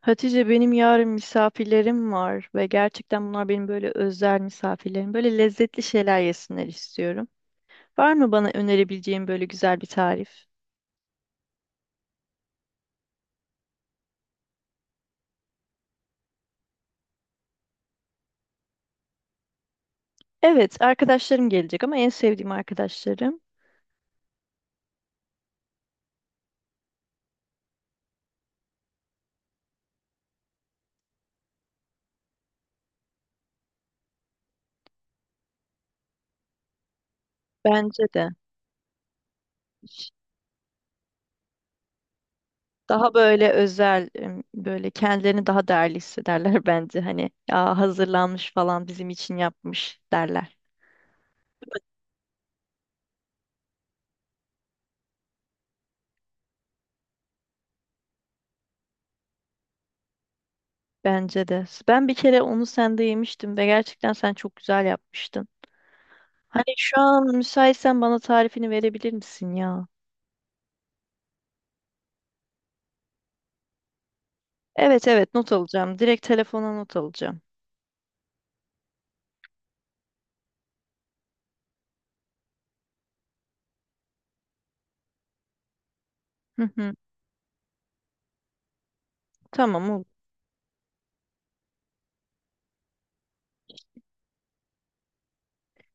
Hatice benim yarın misafirlerim var ve gerçekten bunlar benim böyle özel misafirlerim. Böyle lezzetli şeyler yesinler istiyorum. Var mı bana önerebileceğin böyle güzel bir tarif? Evet, arkadaşlarım gelecek ama en sevdiğim arkadaşlarım. Bence de. Daha böyle özel, böyle kendilerini daha değerli hissederler bence. Hani ya hazırlanmış falan bizim için yapmış derler. Bence de. Ben bir kere onu sende yemiştim ve gerçekten sen çok güzel yapmıştın. Hani şu an müsaitsen bana tarifini verebilir misin ya? Evet, evet, not alacağım. Direkt telefona not alacağım. Hı hı. Tamam, olur.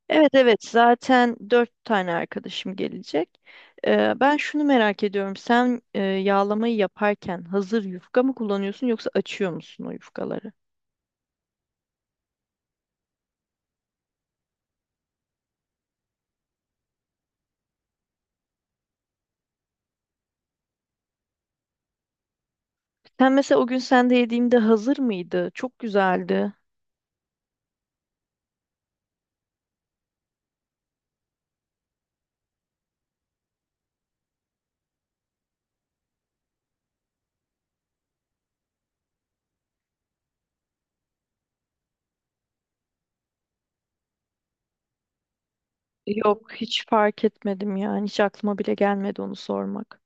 Evet, evet, zaten dört tane arkadaşım gelecek. Ben şunu merak ediyorum. Sen yağlamayı yaparken hazır yufka mı kullanıyorsun yoksa açıyor musun o yufkaları? Sen mesela o gün sende yediğimde hazır mıydı? Çok güzeldi. Yok, hiç fark etmedim yani. Hiç aklıma bile gelmedi onu sormak.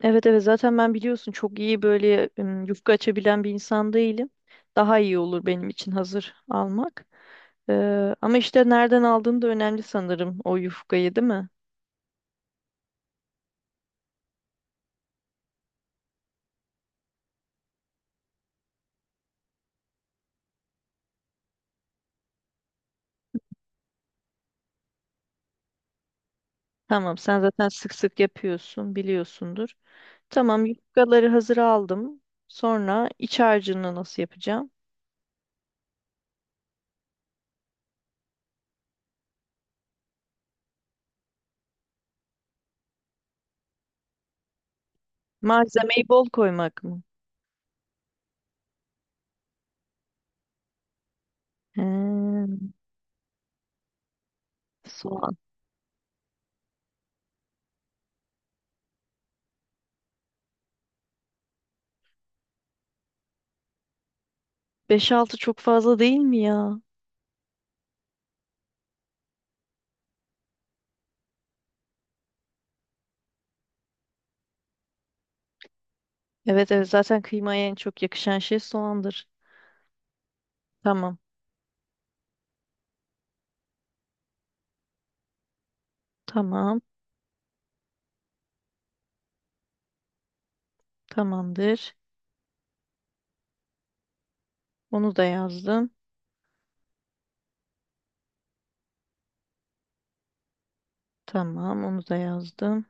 Evet, evet, zaten ben biliyorsun çok iyi böyle yufka açabilen bir insan değilim. Daha iyi olur benim için hazır almak. Ama işte nereden aldığın da önemli sanırım o yufkayı, değil mi? Tamam, sen zaten sık sık yapıyorsun biliyorsundur. Tamam, yufkaları hazır aldım. Sonra iç harcını nasıl yapacağım? Malzemeyi bol koymak mı? He, soğan. Beş altı çok fazla değil mi ya? Evet, evet, zaten kıymaya en çok yakışan şey soğandır. Tamam. Tamam. Tamamdır. Onu da yazdım. Tamam, onu da yazdım.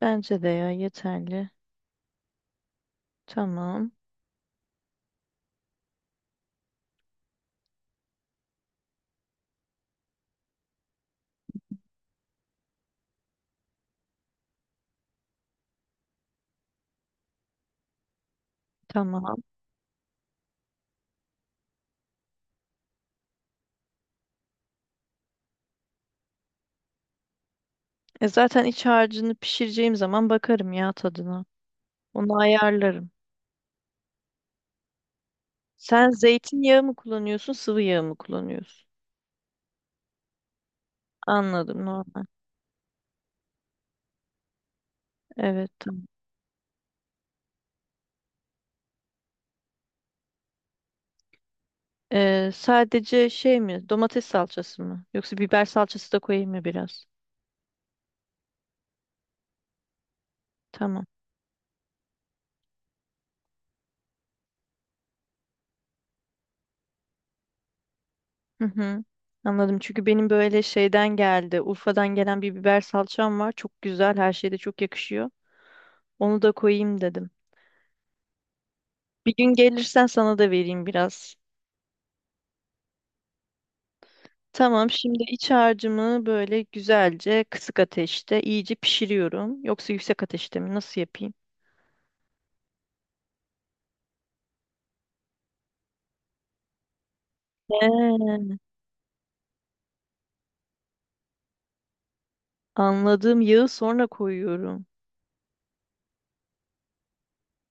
Bence de ya, yeterli. Tamam, tamam. E, zaten iç harcını pişireceğim zaman bakarım ya tadına. Onu ayarlarım. Sen zeytinyağı mı kullanıyorsun, sıvı yağ mı kullanıyorsun? Anladım, normal. Evet, tamam. E, sadece şey mi, domates salçası mı? Yoksa biber salçası da koyayım mı biraz? Tamam. Hı hı. Anladım. Çünkü benim böyle şeyden geldi. Urfa'dan gelen bir biber salçam var. Çok güzel. Her şeyde çok yakışıyor. Onu da koyayım dedim. Bir gün gelirsen sana da vereyim biraz. Tamam. Şimdi iç harcımı böyle güzelce kısık ateşte iyice pişiriyorum. Yoksa yüksek ateşte mi? Nasıl yapayım? He. Anladım. Yağı sonra koyuyorum.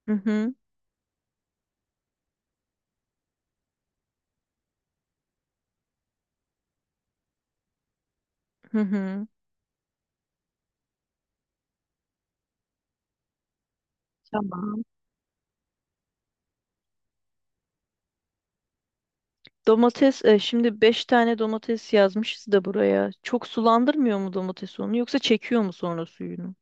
Hı hı. Hı hı. Tamam. Domates, şimdi 5 tane domates yazmışız da buraya. Çok sulandırmıyor mu domates onu yoksa çekiyor mu sonra suyunu?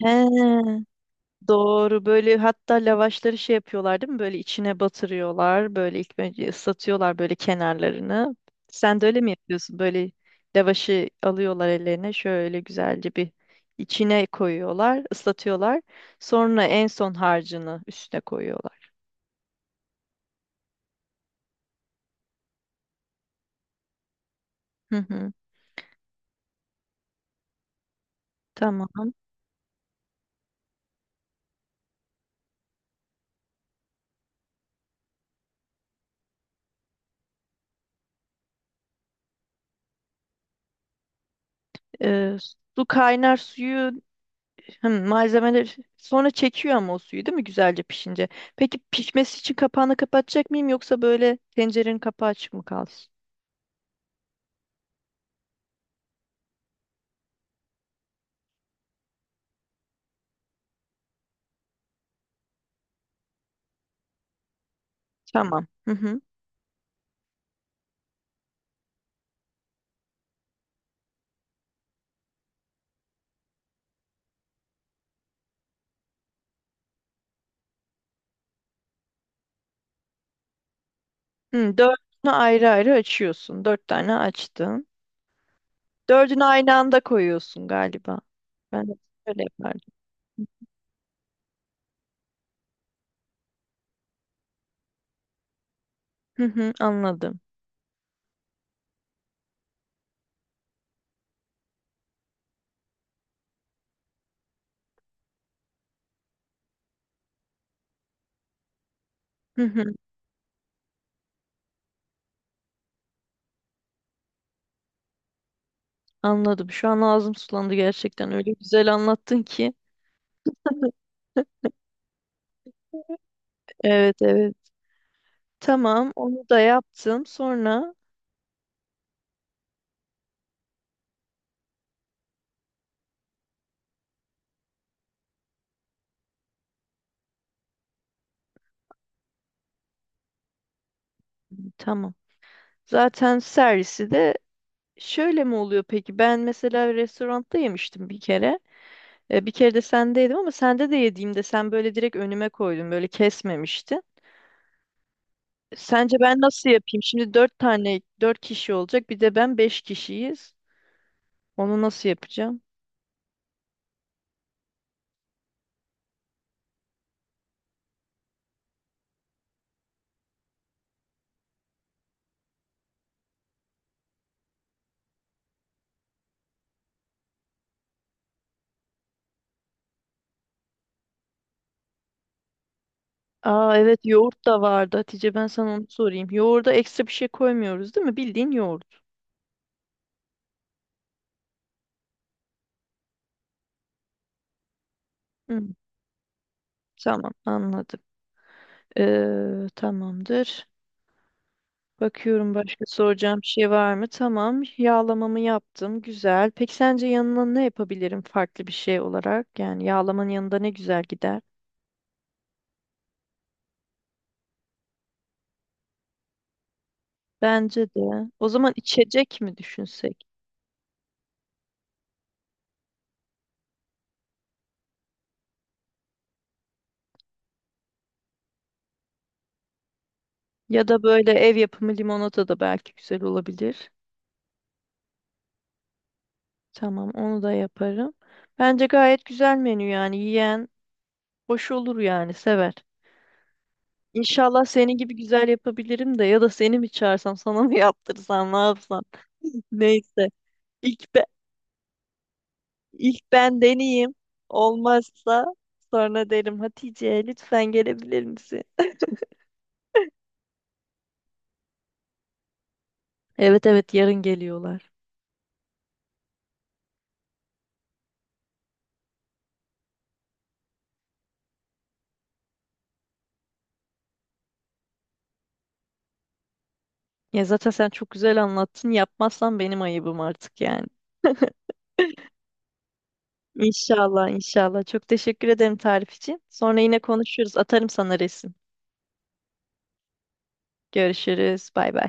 He, doğru. Böyle hatta lavaşları şey yapıyorlar, değil mi? Böyle içine batırıyorlar. Böyle ilk önce ıslatıyorlar böyle kenarlarını. Sen de öyle mi yapıyorsun? Böyle lavaşı alıyorlar ellerine. Şöyle güzelce bir içine koyuyorlar, ıslatıyorlar. Sonra en son harcını üstüne koyuyorlar. Hı hı. Tamam. Ee, su kaynar suyu. Hım, malzemeler sonra çekiyor ama o suyu, değil mi, güzelce pişince? Peki pişmesi için kapağını kapatacak mıyım yoksa böyle tencerenin kapağı açık mı kalsın? Tamam. Hı hı. Hı, dördünü ayrı ayrı açıyorsun. Dört tane açtın. Dördünü aynı anda koyuyorsun galiba. Ben de öyle yapardım. Hı hı, anladım. Hı hı, anladım. Şu an ağzım sulandı gerçekten. Öyle güzel anlattın ki. Evet, evet. Tamam, onu da yaptım. Sonra tamam. Zaten servisi de şöyle mi oluyor peki? Ben mesela restoranda yemiştim bir kere. E, bir kere de sende yedim ama sende de yediğimde sen böyle direkt önüme koydun. Böyle kesmemiştin. Sence ben nasıl yapayım? Şimdi dört tane, dört kişi olacak. Bir de ben, beş kişiyiz. Onu nasıl yapacağım? Aa, evet, yoğurt da vardı. Hatice, ben sana onu sorayım. Yoğurda ekstra bir şey koymuyoruz, değil mi? Bildiğin yoğurt. Hı. Tamam, anladım. Tamamdır. Bakıyorum başka soracağım bir şey var mı? Tamam. Yağlamamı yaptım. Güzel. Peki sence yanına ne yapabilirim farklı bir şey olarak? Yani yağlamanın yanında ne güzel gider? Bence de. O zaman içecek mi düşünsek? Ya da böyle ev yapımı limonata da belki güzel olabilir. Tamam, onu da yaparım. Bence gayet güzel menü, yani yiyen hoş olur, yani sever. İnşallah senin gibi güzel yapabilirim de ya da seni mi çağırsam, sana mı yaptırsam, ne yapsam. Neyse, ilk, be- ilk ben deneyeyim, olmazsa sonra derim Hatice, lütfen gelebilir misin? Evet, evet, yarın geliyorlar. Ya zaten sen çok güzel anlattın, yapmazsan benim ayıbım artık yani. İnşallah, inşallah, çok teşekkür ederim tarif için. Sonra yine konuşuruz, atarım sana resim. Görüşürüz, bay bay.